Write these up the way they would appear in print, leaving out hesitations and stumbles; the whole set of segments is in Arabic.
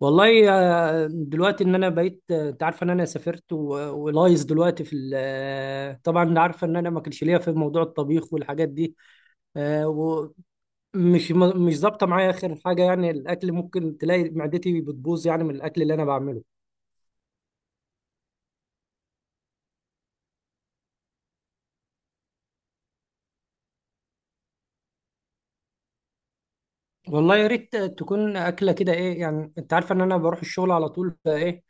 والله، دلوقتي ان انا بقيت، انت عارفه ان انا سافرت ولايز دلوقتي في طبعا انت عارفه ان انا ما كانش ليا في موضوع الطبيخ والحاجات دي. آه، ومش مش ظابطه معايا اخر حاجه، يعني الاكل ممكن تلاقي معدتي بتبوظ يعني من الاكل اللي انا بعمله. والله يا ريت، تكون اكله كده، ايه يعني، انت عارفه ان انا بروح الشغل على طول فايه.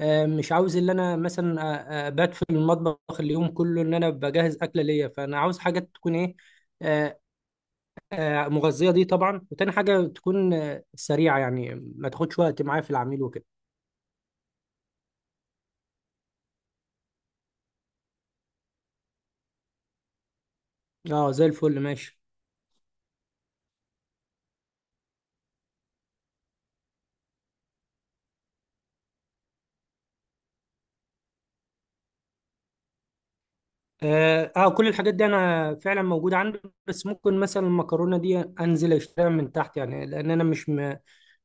مش عاوز ان انا مثلا بات في المطبخ اليوم كله ان انا بجهز اكله ليا، فانا عاوز حاجات تكون ايه، آه، مغذيه دي طبعا، وتاني حاجه تكون سريعه، يعني ما تاخدش وقت معايا في العميل وكده. اه، زي الفل ماشي. اه، كل الحاجات دي انا فعلا موجوده عندي. بس ممكن مثلا المكرونه دي انزل اشتريها من تحت، يعني لان انا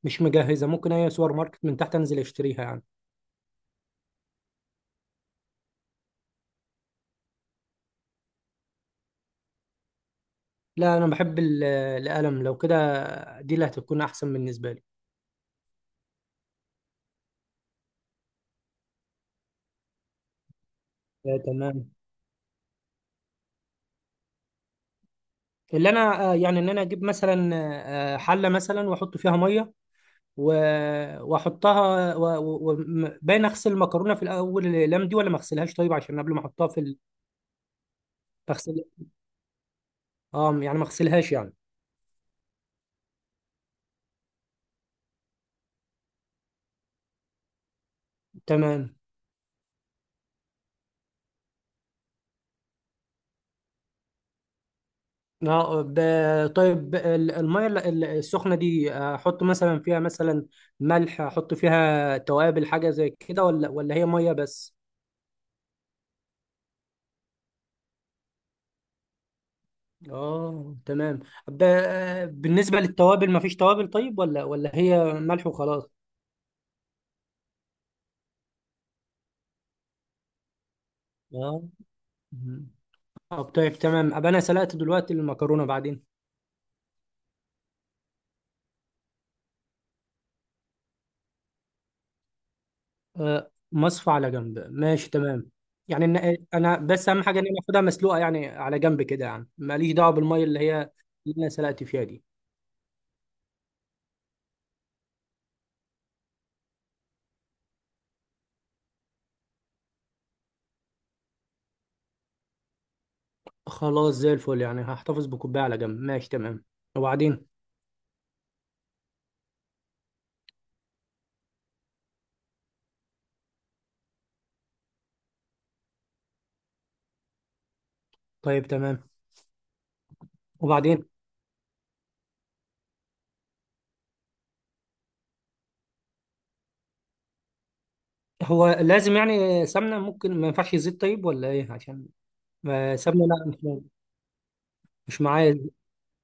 مش مجهزه. ممكن اي سوبر ماركت من تحت انزل اشتريها يعني. لا، انا بحب القلم. لو كده دي اللي هتكون احسن بالنسبه لي. تمام. اللي انا يعني ان انا اجيب مثلا حله مثلا واحط فيها ميه، واحطها، باين اغسل المكرونه في الاول الاقلام دي، ولا ما اغسلهاش؟ طيب عشان قبل ما احطها في بغسل. اه، يعني ما اغسلهاش يعني. تمام. اه، طيب، الميه السخنه دي، احط مثلا فيها مثلا ملح، احط فيها توابل، حاجه زي كده، ولا هي ميه بس؟ اه، تمام. ب... بالنسبه للتوابل ما فيش توابل، طيب؟ ولا هي ملح وخلاص؟ اه. مم. طيب تمام، ابقى انا سلقت دلوقتي المكرونه، بعدين؟ مصفى على جنب، ماشي تمام. يعني إن انا بس اهم حاجه ان انا اخدها مسلوقه، يعني على جنب كده، يعني ماليش دعوه بالميه اللي هي اللي انا سلقت فيها دي. خلاص، زي الفل، يعني هحتفظ بكوبايه على جنب، ماشي تمام. وبعدين؟ طيب تمام، وبعدين؟ هو لازم يعني سمنه؟ ممكن ما ينفعش زيت طيب، ولا ايه؟ عشان ما سمنه، لا، مش مش معايا.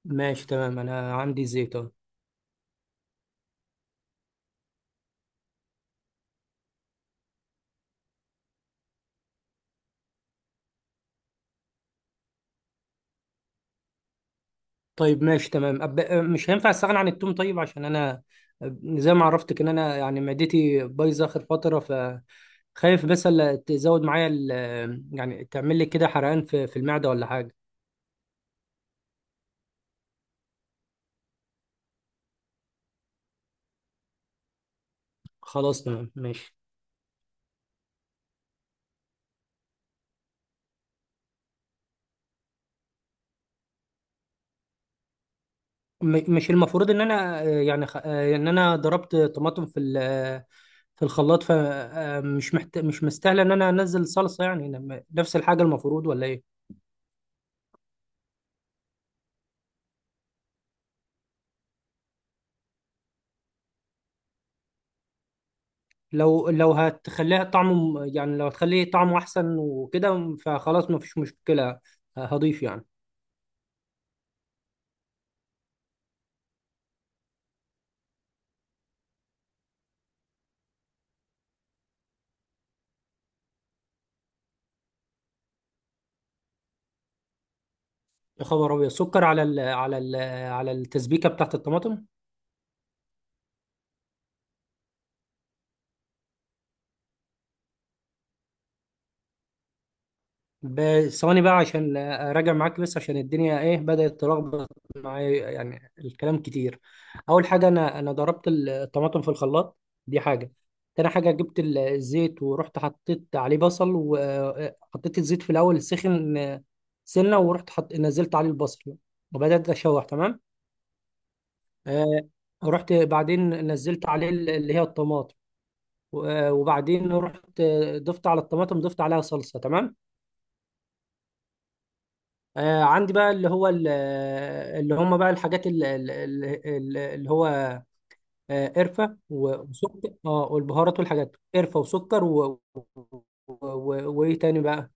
ماشي تمام، انا عندي زيت أهو. طيب ماشي تمام. أب... أه، مش هينفع استغنى عن التوم طيب، عشان انا زي ما عرفتك، ان انا يعني معدتي بايظه اخر فتره، فخايف بس لا تزود معايا يعني تعمل لي كده حرقان في المعده ولا حاجه. خلاص تمام، ماشي. مش المفروض ان انا يعني خ... آه، ان انا ضربت طماطم في ال... آه، في الخلاط، فمش مش مستاهله ان انا انزل صلصه يعني، نفس الحاجه المفروض، ولا ايه؟ لو هتخليها طعمه، يعني لو هتخليه طعمه احسن وكده، فخلاص مفيش مشكله، هضيف يعني. يا خبر ابيض! سكر على التسبيكه بتاعت الطماطم؟ ثواني بقى، عشان اراجع معاك بس، عشان الدنيا ايه بدأت تلخبط معايا، يعني الكلام كتير. اول حاجه، انا ضربت الطماطم في الخلاط، دي حاجه. تاني حاجه، جبت الزيت، ورحت حطيت عليه بصل، وحطيت الزيت في الاول سخن سنه، ورحت نزلت عليه البصل، وبدأت اشوح، تمام. آه، رحت بعدين نزلت عليه اللي هي الطماطم، وبعدين رحت ضفت على الطماطم، ضفت عليها صلصه، تمام. عندي بقى اللي هو اللي هم بقى الحاجات اللي هو قرفة وسكر، اه، والبهارات والحاجات، قرفة وسكر وايه تاني بقى؟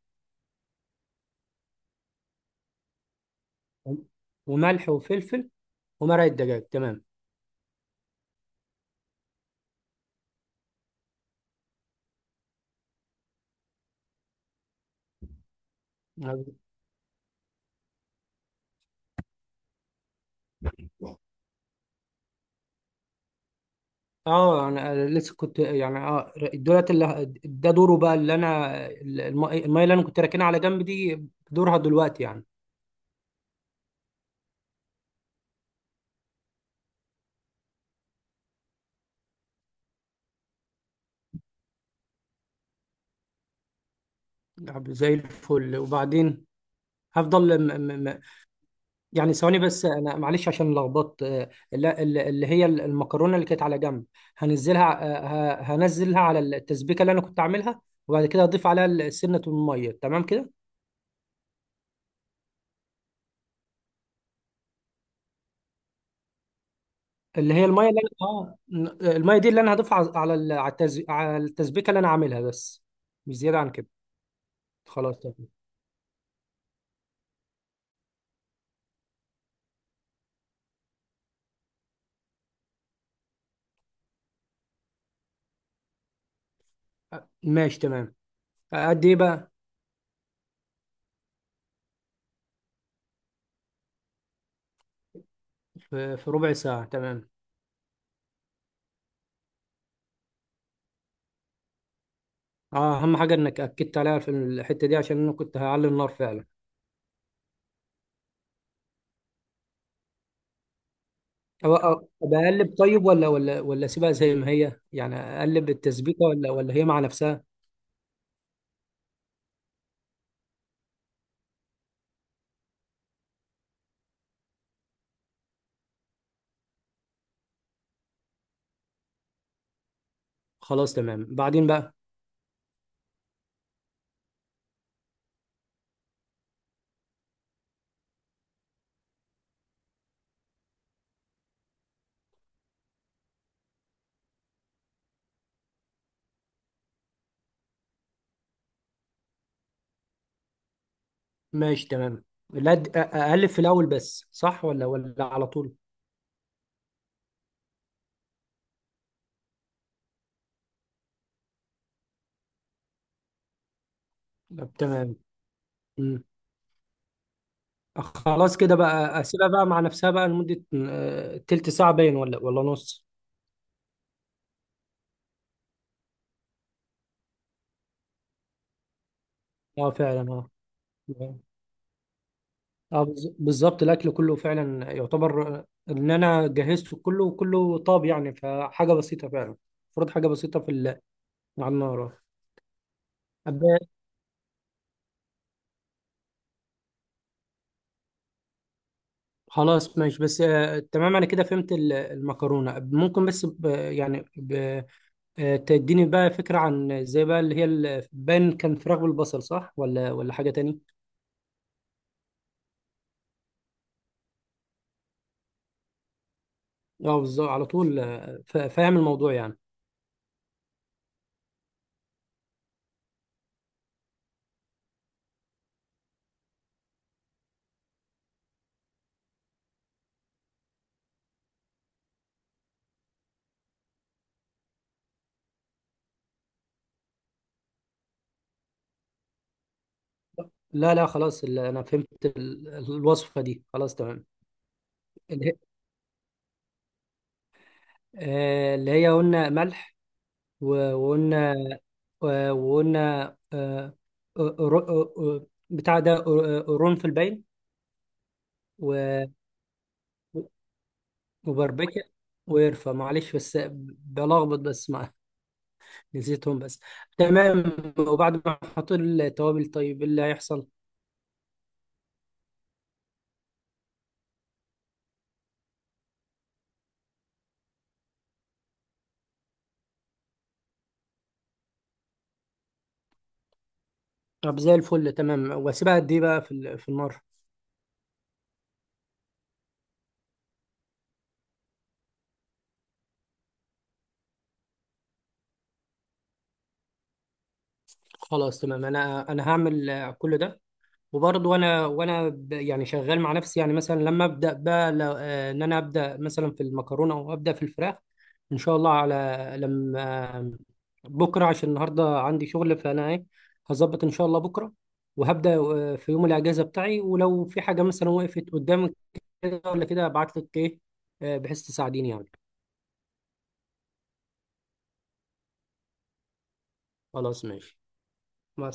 وملح وفلفل ومرق الدجاج، تمام. اه، انا لسه كنت يعني، اه، دولت اللي ده دوره بقى، اللي انا الميه اللي انا كنت راكنها على جنب دي، دورها دلوقتي يعني. طب زي الفل، وبعدين هفضل، يعني ثواني بس، انا معلش، عشان لخبطت. لا، اللي هي المكرونه اللي كانت على جنب، هنزلها، هنزلها على التسبيكه اللي انا كنت عاملها، وبعد كده هضيف عليها سنه الميه، تمام كده. اللي هي الميه اللي انا، اه، الميه دي اللي انا هضيفها على على ال- على التز- على التسبيكه اللي انا عاملها بس، مش زياده عن كده. خلاص تمام. ماشي تمام. قد ايه بقى؟ في ربع ساعه، تمام. اه، اهم حاجه انك اكدت عليها في الحته دي، عشان انا كنت هعلي النار فعلا. هو بقلب، طيب؟ ولا اسيبها زي ما هي، يعني اقلب التسبيكه، ولا هي مع نفسها؟ خلاص تمام، بعدين بقى؟ ماشي تمام. لا، اقلب في الاول بس، صح؟ ولا على طول؟ طب تمام. مم. خلاص كده بقى، اسيبها بقى مع نفسها بقى لمده تلت ساعه باين؟ ولا نص؟ اه، فعلا، اه. اه، بالظبط، الاكل كله فعلا يعتبر ان انا جهزته كله، وكله طاب يعني، فحاجه بسيطه فعلا، المفروض حاجه بسيطه على النار. خلاص، ماشي بس، تمام، انا كده فهمت المكرونه، ممكن بس، ب يعني ب آه، تديني بقى فكره عن زي بقى اللي هي بان كان فراخ بالبصل، صح؟ ولا حاجه تاني؟ اه، بالظبط، على طول، فاهم الموضوع يعني. لا لا، خلاص انا فهمت الوصفه دي، خلاص تمام. اللي هي، اللي هي قلنا ملح، وقلنا، وقلنا، آه، بتاع ده، قرنفل، باين، وبربكة، وقرفة. معلش بس بلخبط بس مع نسيتهم بس. تمام. وبعد ما احط التوابل، طيب إيه اللي هيحصل؟ طب زي الفل، تمام، واسيبها قد ايه بقى في النار؟ خلاص تمام، انا هعمل كل ده. وبرضه انا، وانا يعني شغال مع نفسي، يعني مثلا لما ابدا بقى ان انا ابدا مثلا في المكرونه او ابدا في الفراخ، ان شاء الله، على لما، بكره عشان النهارده عندي شغل، فانا ايه، هظبط ان شاء الله بكره، وهبدا في يوم الاجازه بتاعي، ولو في حاجه مثلا وقفت قدامك كده ولا كده، ابعت لك ايه، بحيث تساعديني يعني. خلاص ماشي، مع